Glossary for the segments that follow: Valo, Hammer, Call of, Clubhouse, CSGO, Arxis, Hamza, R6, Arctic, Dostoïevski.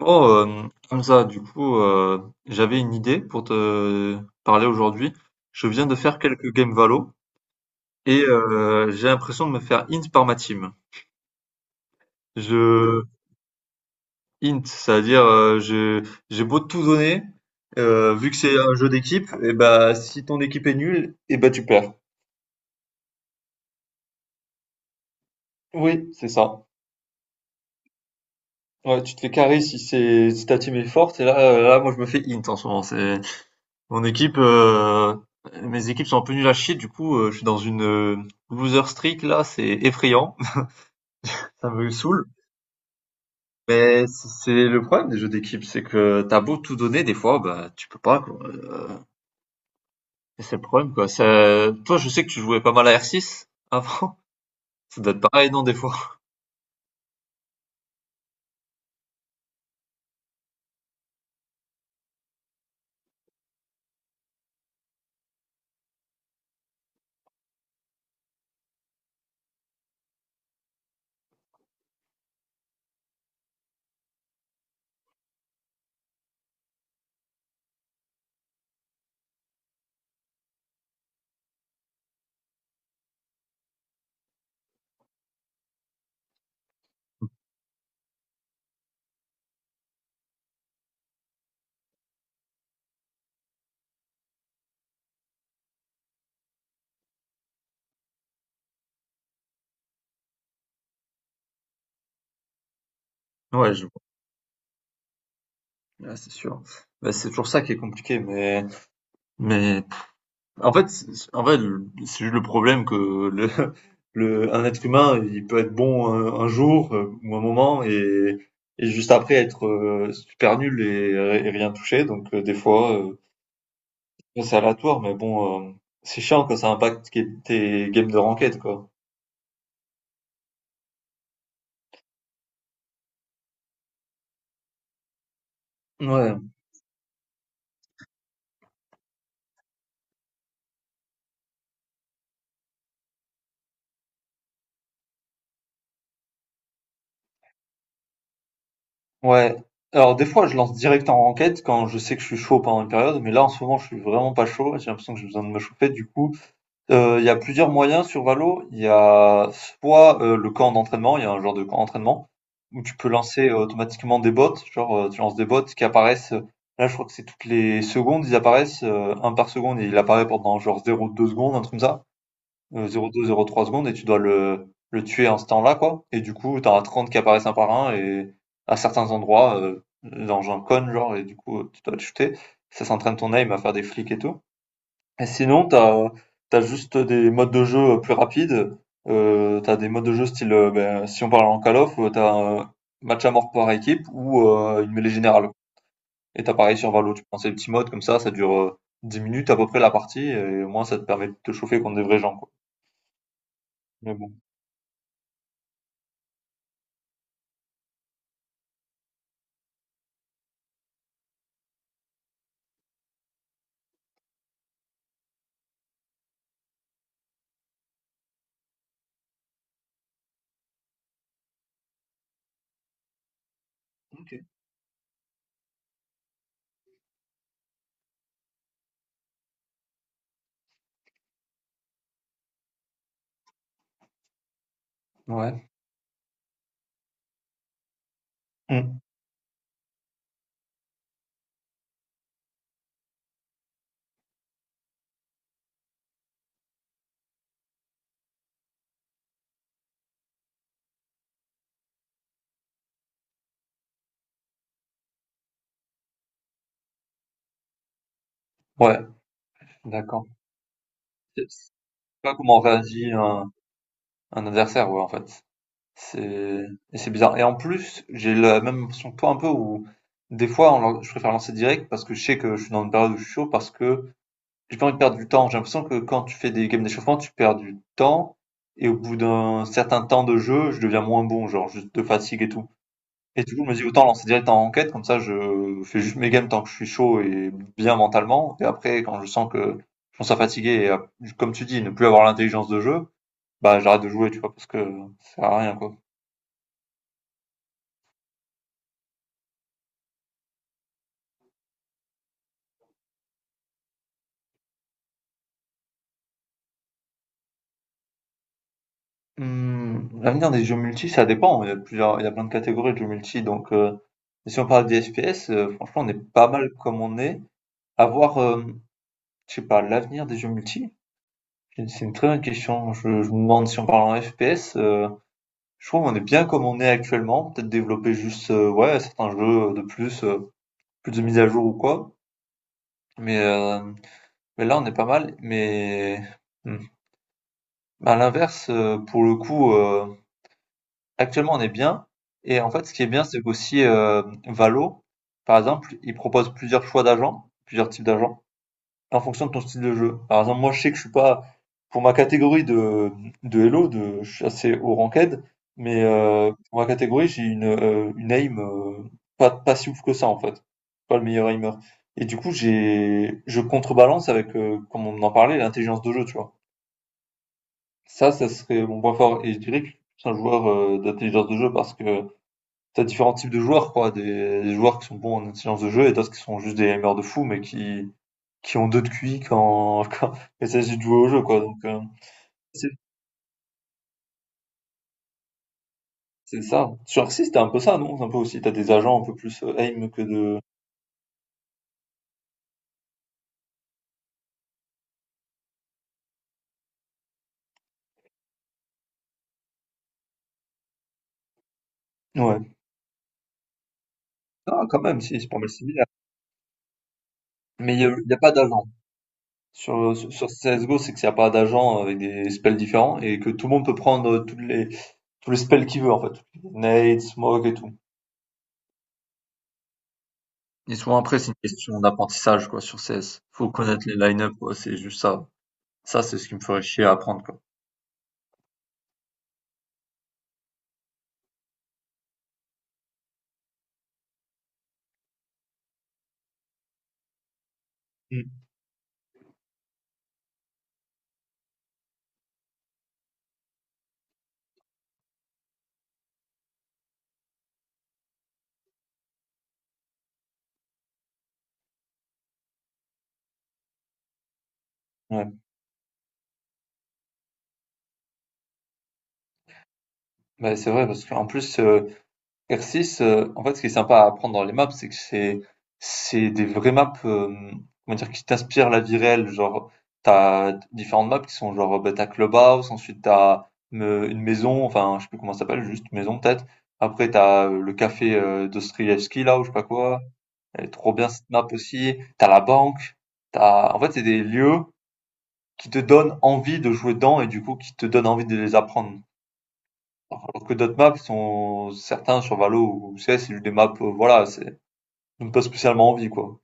Oh, Hamza, du coup, j'avais une idée pour te parler aujourd'hui. Je viens de faire quelques games Valo et j'ai l'impression de me faire int par ma team. Je int, c'est-à-dire j'ai beau tout donner, vu que c'est un jeu d'équipe, et bah si ton équipe est nulle, et bah tu perds. Oui, c'est ça. Ouais, tu te fais carry si ta team est forte. Et là, là moi je me fais int en ce moment. C'est Mon équipe, mes équipes sont un peu nulles à chier. Du coup, je suis dans une, loser streak là, c'est effrayant. Ça me saoule. Mais c'est le problème des jeux d'équipe, c'est que t'as beau tout donner, des fois, bah, tu peux pas quoi, c'est le problème quoi. Ça toi, je sais que tu jouais pas mal à R6 avant? Ça doit être pareil, non, des fois? Ouais, je vois. Ouais, c'est sûr. Bah, c'est toujours ça qui est compliqué, mais en fait, en vrai, c'est juste le problème que le, un être humain, il peut être bon un jour ou un moment, et juste après être super nul et rien toucher. Donc des fois, bon, c'est aléatoire, mais bon, c'est chiant quand ça impacte tes games de ranked, quoi. Ouais, ouais. Alors des fois, je lance direct en ranked quand je sais que je suis chaud pendant une période, mais là en ce moment, je suis vraiment pas chaud. J'ai l'impression que j'ai besoin de me chauffer. Du coup, il y a plusieurs moyens sur Valo. Il y a soit, le camp d'entraînement, il y a un genre de camp d'entraînement où tu peux lancer, automatiquement des bots, genre, tu lances des bots qui apparaissent, là je crois que c'est toutes les secondes, ils apparaissent, 1 par seconde, et il apparaît pendant genre 0,2 secondes, un truc comme ça, 0,2-0,3 secondes, et tu dois le tuer en ce temps-là, quoi. Et du coup, tu as 30 qui apparaissent un par un et à certains endroits, dans un cône genre. Et du coup, tu dois le shooter. Ça s'entraîne ton aim à faire des flics et tout. Et sinon, t'as juste des modes de jeu plus rapides. T'as des modes de jeu style, ben, si on parle en Call of, t'as un match à mort par équipe ou une mêlée générale. Et t'as pareil sur Valo, tu prends ces petits modes comme ça dure 10 minutes à peu près la partie, et au moins ça te permet de te chauffer contre des vrais gens, quoi. Mais bon. Ouais. Mm. Ouais, d'accord. C'est pas comment réagit un adversaire, ouais, en fait. C'est, et c'est bizarre. Et en plus, j'ai la même impression que toi un peu où des fois on lan je préfère lancer direct parce que je sais que je suis dans une période où je suis chaud, parce que j'ai pas envie de perdre du temps. J'ai l'impression que quand tu fais des games d'échauffement, tu perds du temps, et au bout d'un certain temps de jeu, je deviens moins bon, genre juste de fatigue et tout. Et du coup, je me dis: «Autant lancer direct en enquête comme ça je fais juste mes games tant que je suis chaud et bien mentalement». Et après quand je sens que je commence à fatiguer et à, comme tu dis, ne plus avoir l'intelligence de jeu, bah, j'arrête de jouer, tu vois? Parce que ça sert à rien, quoi. Mmh, l'avenir des jeux multi, ça dépend. Il y a plusieurs, il y a plein de catégories de jeux multi. Donc, si on parle des FPS, franchement, on est pas mal comme on est. À voir, je sais pas, l'avenir des jeux multi, c'est une très bonne question. Je me demande si on parle en FPS, je trouve qu'on est bien comme on est actuellement. Peut-être développer juste, ouais, certains jeux de plus, plus de mise à jour ou quoi. Mais, là, on est pas mal. Mais hmm. à l'inverse, pour le coup, actuellement, on est bien. Et en fait, ce qui est bien, c'est qu'aussi, Valo, par exemple, il propose plusieurs choix d'agents, plusieurs types d'agents, en fonction de ton style de jeu. Par exemple, moi, je sais que je suis pas, pour ma catégorie de Hello, de, je suis assez haut ranked, mais pour ma catégorie, j'ai une aim pas, pas si ouf que ça, en fait. Pas le meilleur aimer. Et du coup, je contrebalance avec, comme on en parlait, l'intelligence de jeu, tu vois. Ça serait mon point fort. Et je dirais que je suis un joueur d'intelligence de jeu, parce que t'as différents types de joueurs, quoi. Des joueurs qui sont bons en intelligence de jeu et d'autres qui sont juste des aimers de fou, mais qui ont deux de QI quand, quand il s'agit de jouer au jeu, quoi. Donc, c'est, c'est ça. Sur Arxis, c'était un peu ça, non? C'est un peu aussi, t'as des agents un peu plus aim que de. Ouais. Ah, quand même, si, c'est pas mal similaire. Mais il y a pas d'agent. Sur CSGO, c'est qu'il n'y a pas d'agent avec des spells différents, et que tout le monde peut prendre tous les spells qu'il veut, en fait. Nade, smoke et tout. Et souvent après, c'est une question d'apprentissage, quoi, sur CS. Faut connaître les line-up, quoi, c'est juste ça. Ça, c'est ce qui me ferait chier à apprendre, quoi. Mm. Ouais. Mais c'est vrai, parce qu'en plus, R6, en fait, ce qui est sympa à apprendre dans les maps, c'est que c'est des vraies maps, comment dire, qui t'inspirent la vie réelle. Genre, t'as différentes maps qui sont genre, bah, t'as Clubhouse, ensuite une maison, enfin, je sais plus comment ça s'appelle, juste maison peut-être. Après, t'as le café Dostoïevski, là, ou je sais pas quoi. Elle est trop bien cette map aussi. T'as la banque. T'as... En fait, c'est des lieux qui te donnent envie de jouer dedans et du coup qui te donnent envie de les apprendre. Alors que d'autres maps sont certains sur Valo ou CS, c'est juste des maps, voilà, c'est donnent pas spécialement envie quoi.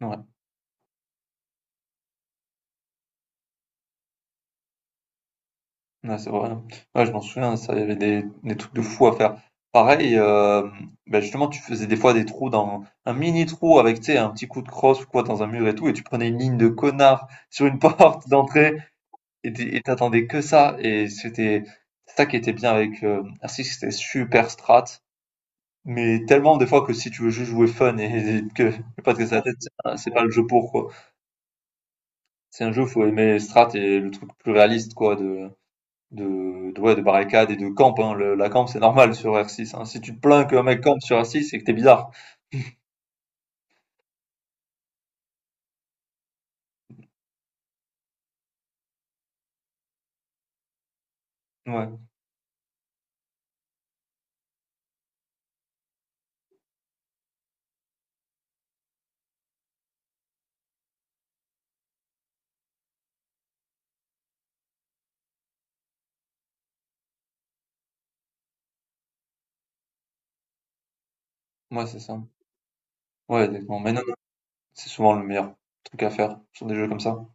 Ouais, ouais, c'est vrai. Ouais, je m'en souviens, ça, il y avait des trucs de fou à faire. Pareil, ben justement, tu faisais des fois des trous dans un mini trou avec, tu sais, un petit coup de crosse ou quoi dans un mur et tout, et tu prenais une ligne de connard sur une porte d'entrée. Et tu et t'attendais que ça, et c'était ça qui était bien avec Arctic, c'était super strat, mais tellement des fois que si tu veux juste jouer fun, et que pas te casser la tête, c'est pas le jeu pour quoi. C'est un jeu, faut aimer strat et le truc plus réaliste quoi, ouais, de barricade et de camp. Hein. La camp, c'est normal sur R6. Hein. Si tu te plains qu'un mec campe sur R6, c'est que t'es bizarre. Ouais, ouais, c'est ça. Ouais, exactement. Mais non, non, c'est souvent le meilleur truc à faire sur des jeux comme ça.